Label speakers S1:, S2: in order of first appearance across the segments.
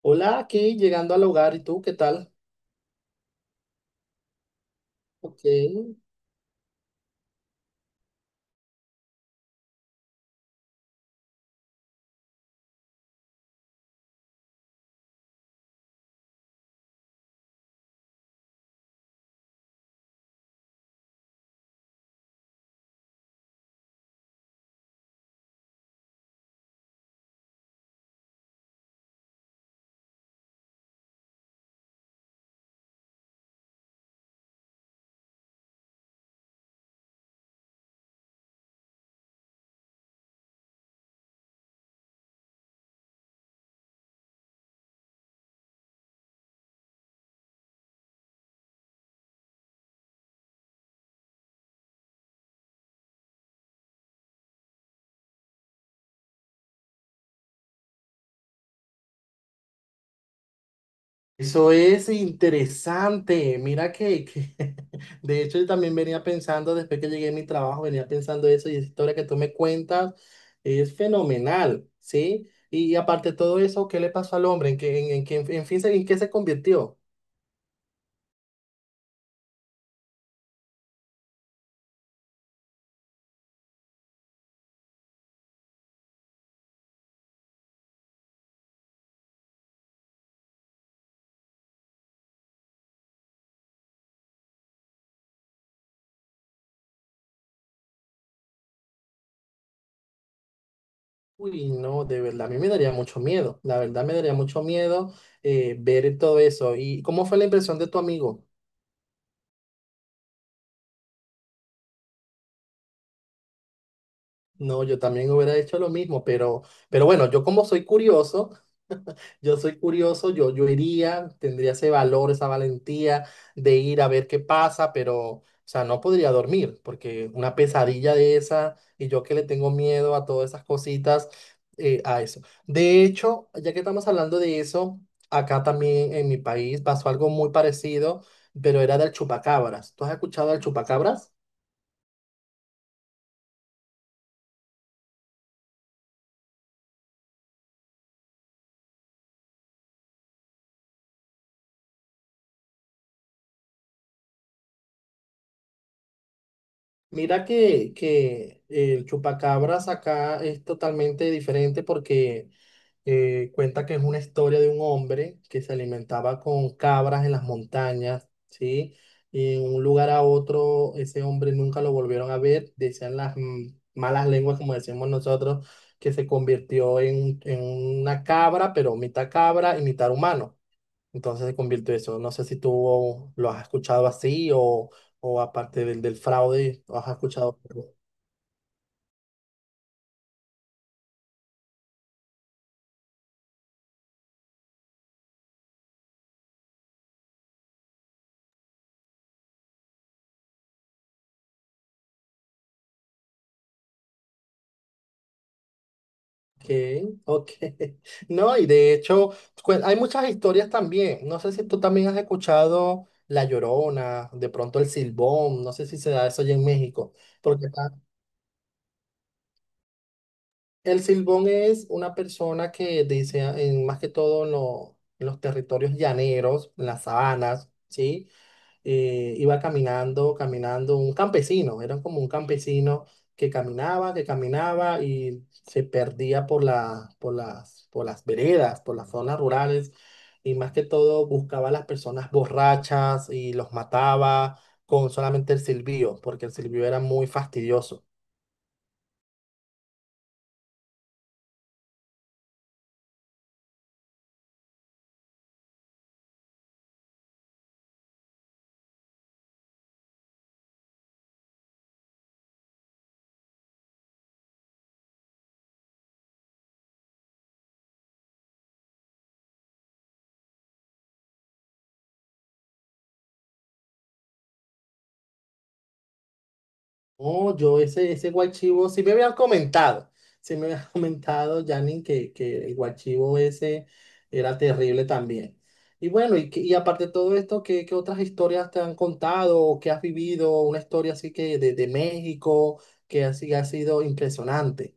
S1: Hola, aquí llegando al hogar, ¿y tú qué tal? Ok, eso es interesante. Mira de hecho yo también venía pensando, después que llegué a mi trabajo, venía pensando eso, y esa historia que tú me cuentas es fenomenal, ¿sí? Y aparte de todo eso, ¿qué le pasó al hombre? En qué- en fin, se- en qué se convirtió? Uy, no, de verdad, a mí me daría mucho miedo, la verdad me daría mucho miedo. Ver todo eso. ¿Y cómo fue la impresión de tu amigo? No, yo también hubiera hecho lo mismo, pero bueno, yo como soy curioso, yo soy curioso, yo iría, tendría ese valor, esa valentía de ir a ver qué pasa, pero, o sea, no podría dormir, porque una pesadilla de esa, y yo que le tengo miedo a todas esas cositas, a eso. De hecho, ya que estamos hablando de eso, acá también en mi país pasó algo muy parecido, pero era del chupacabras. ¿Tú has escuchado del chupacabras? Mira que el chupacabras acá es totalmente diferente porque cuenta que es una historia de un hombre que se alimentaba con cabras en las montañas, ¿sí? Y en un lugar a otro, ese hombre nunca lo volvieron a ver, decían las malas lenguas, como decimos nosotros, que se convirtió en una cabra, pero mitad cabra y mitad humano. Entonces se convirtió eso. No sé si tú lo has escuchado así, o aparte del fraude, lo has escuchado. Ok, ok. No, y de hecho, hay muchas historias también. No sé si tú también has escuchado La Llorona, de pronto el Silbón. No sé si se da eso allá en México. Porque acá el Silbón es una persona que dice, más que todo en los territorios llaneros, en las sabanas, ¿sí? Iba caminando, caminando, un campesino, era como un campesino que caminaba y se perdía por las veredas, por las zonas rurales, y más que todo buscaba a las personas borrachas, y los mataba con solamente el silbido, porque el silbido era muy fastidioso. Oh, yo ese guachivo, sí me habían comentado, sí me habían comentado, Janine, que el guachivo ese era terrible también. Y bueno, y y aparte de todo esto, ¿qué otras historias te han contado o qué has vivido? Una historia así que de México, que así ha sido impresionante.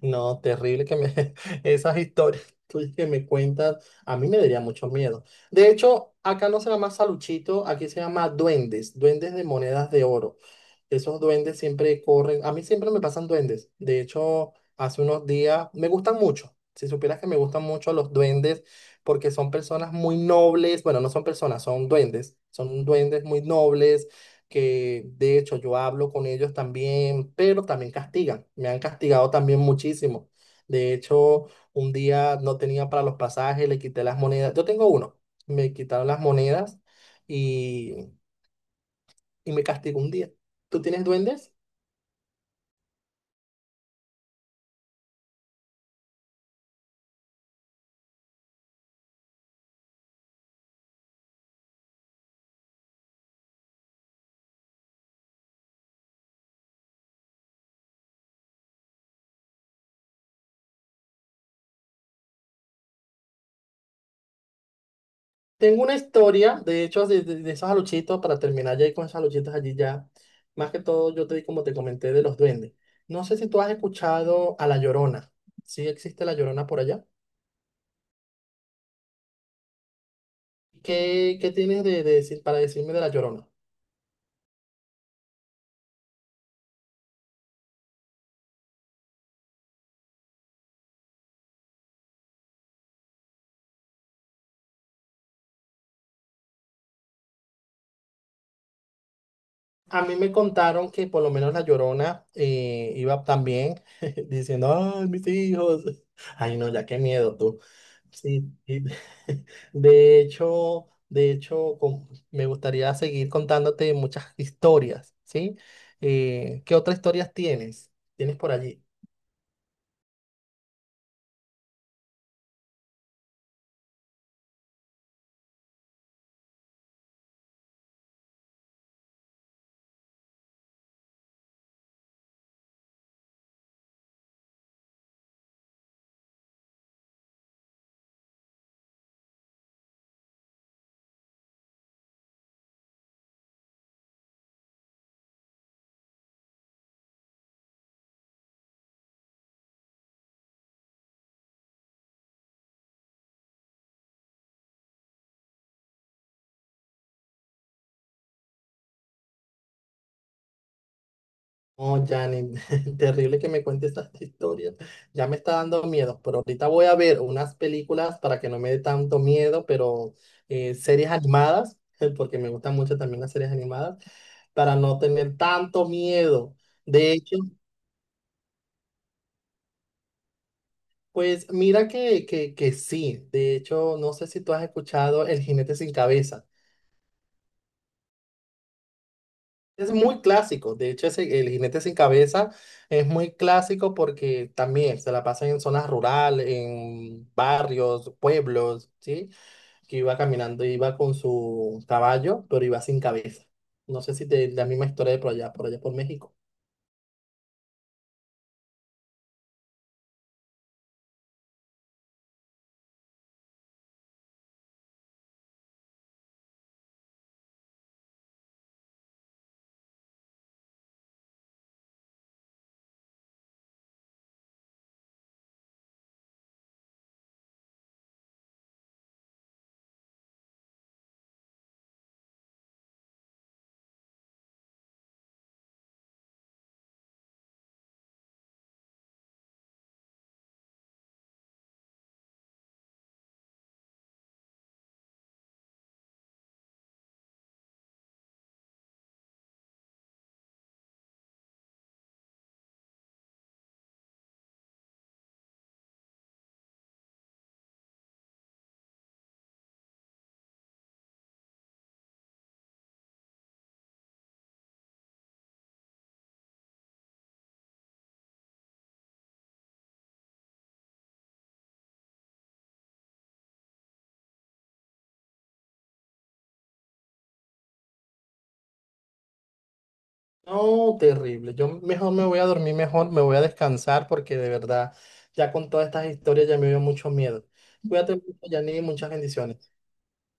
S1: No, terrible que me esas historias tuyas que me cuentas, a mí me daría mucho miedo. De hecho, acá no se llama saluchito, aquí se llama duendes, duendes de monedas de oro. Esos duendes siempre corren, a mí siempre me pasan duendes. De hecho, hace unos días me gustan mucho. Si supieras que me gustan mucho los duendes porque son personas muy nobles, bueno, no son personas, son duendes muy nobles, que de hecho yo hablo con ellos también, pero también castigan, me han castigado también muchísimo. De hecho, un día no tenía para los pasajes, le quité las monedas, yo tengo uno, me quitaron las monedas, y, y me castigó un día. ¿Tú tienes duendes? Tengo una historia, de hecho, de esos aluchitos, para terminar ya ahí con esos aluchitos allí ya, más que todo yo te, como te comenté, de los duendes. No sé si tú has escuchado a La Llorona, ¿sí existe La Llorona por allá? ¿Qué tienes de decir para decirme de La Llorona? A mí me contaron que por lo menos La Llorona iba también diciendo, ay, mis hijos. Ay, no, ya qué miedo tú. Sí, sí. De hecho, me gustaría seguir contándote muchas historias, ¿sí? ¿Qué otras historias tienes? ¿Tienes por allí? Oh, Janet, terrible que me cuente estas historias. Ya me está dando miedo, pero ahorita voy a ver unas películas para que no me dé tanto miedo, pero series animadas, porque me gustan mucho también las series animadas, para no tener tanto miedo. De hecho, pues mira que sí, de hecho, no sé si tú has escuchado El jinete sin cabeza. Es muy clásico, de hecho el jinete sin cabeza es muy clásico porque también se la pasa en zonas rurales, en barrios, pueblos, ¿sí? Que iba caminando, iba con su caballo, pero iba sin cabeza. No sé si te, la misma historia de por allá, por allá por México. No, terrible. Yo mejor me voy a dormir mejor, me voy a descansar porque de verdad ya con todas estas historias ya me dio mucho miedo. Cuídate mucho, Janine, muchas bendiciones.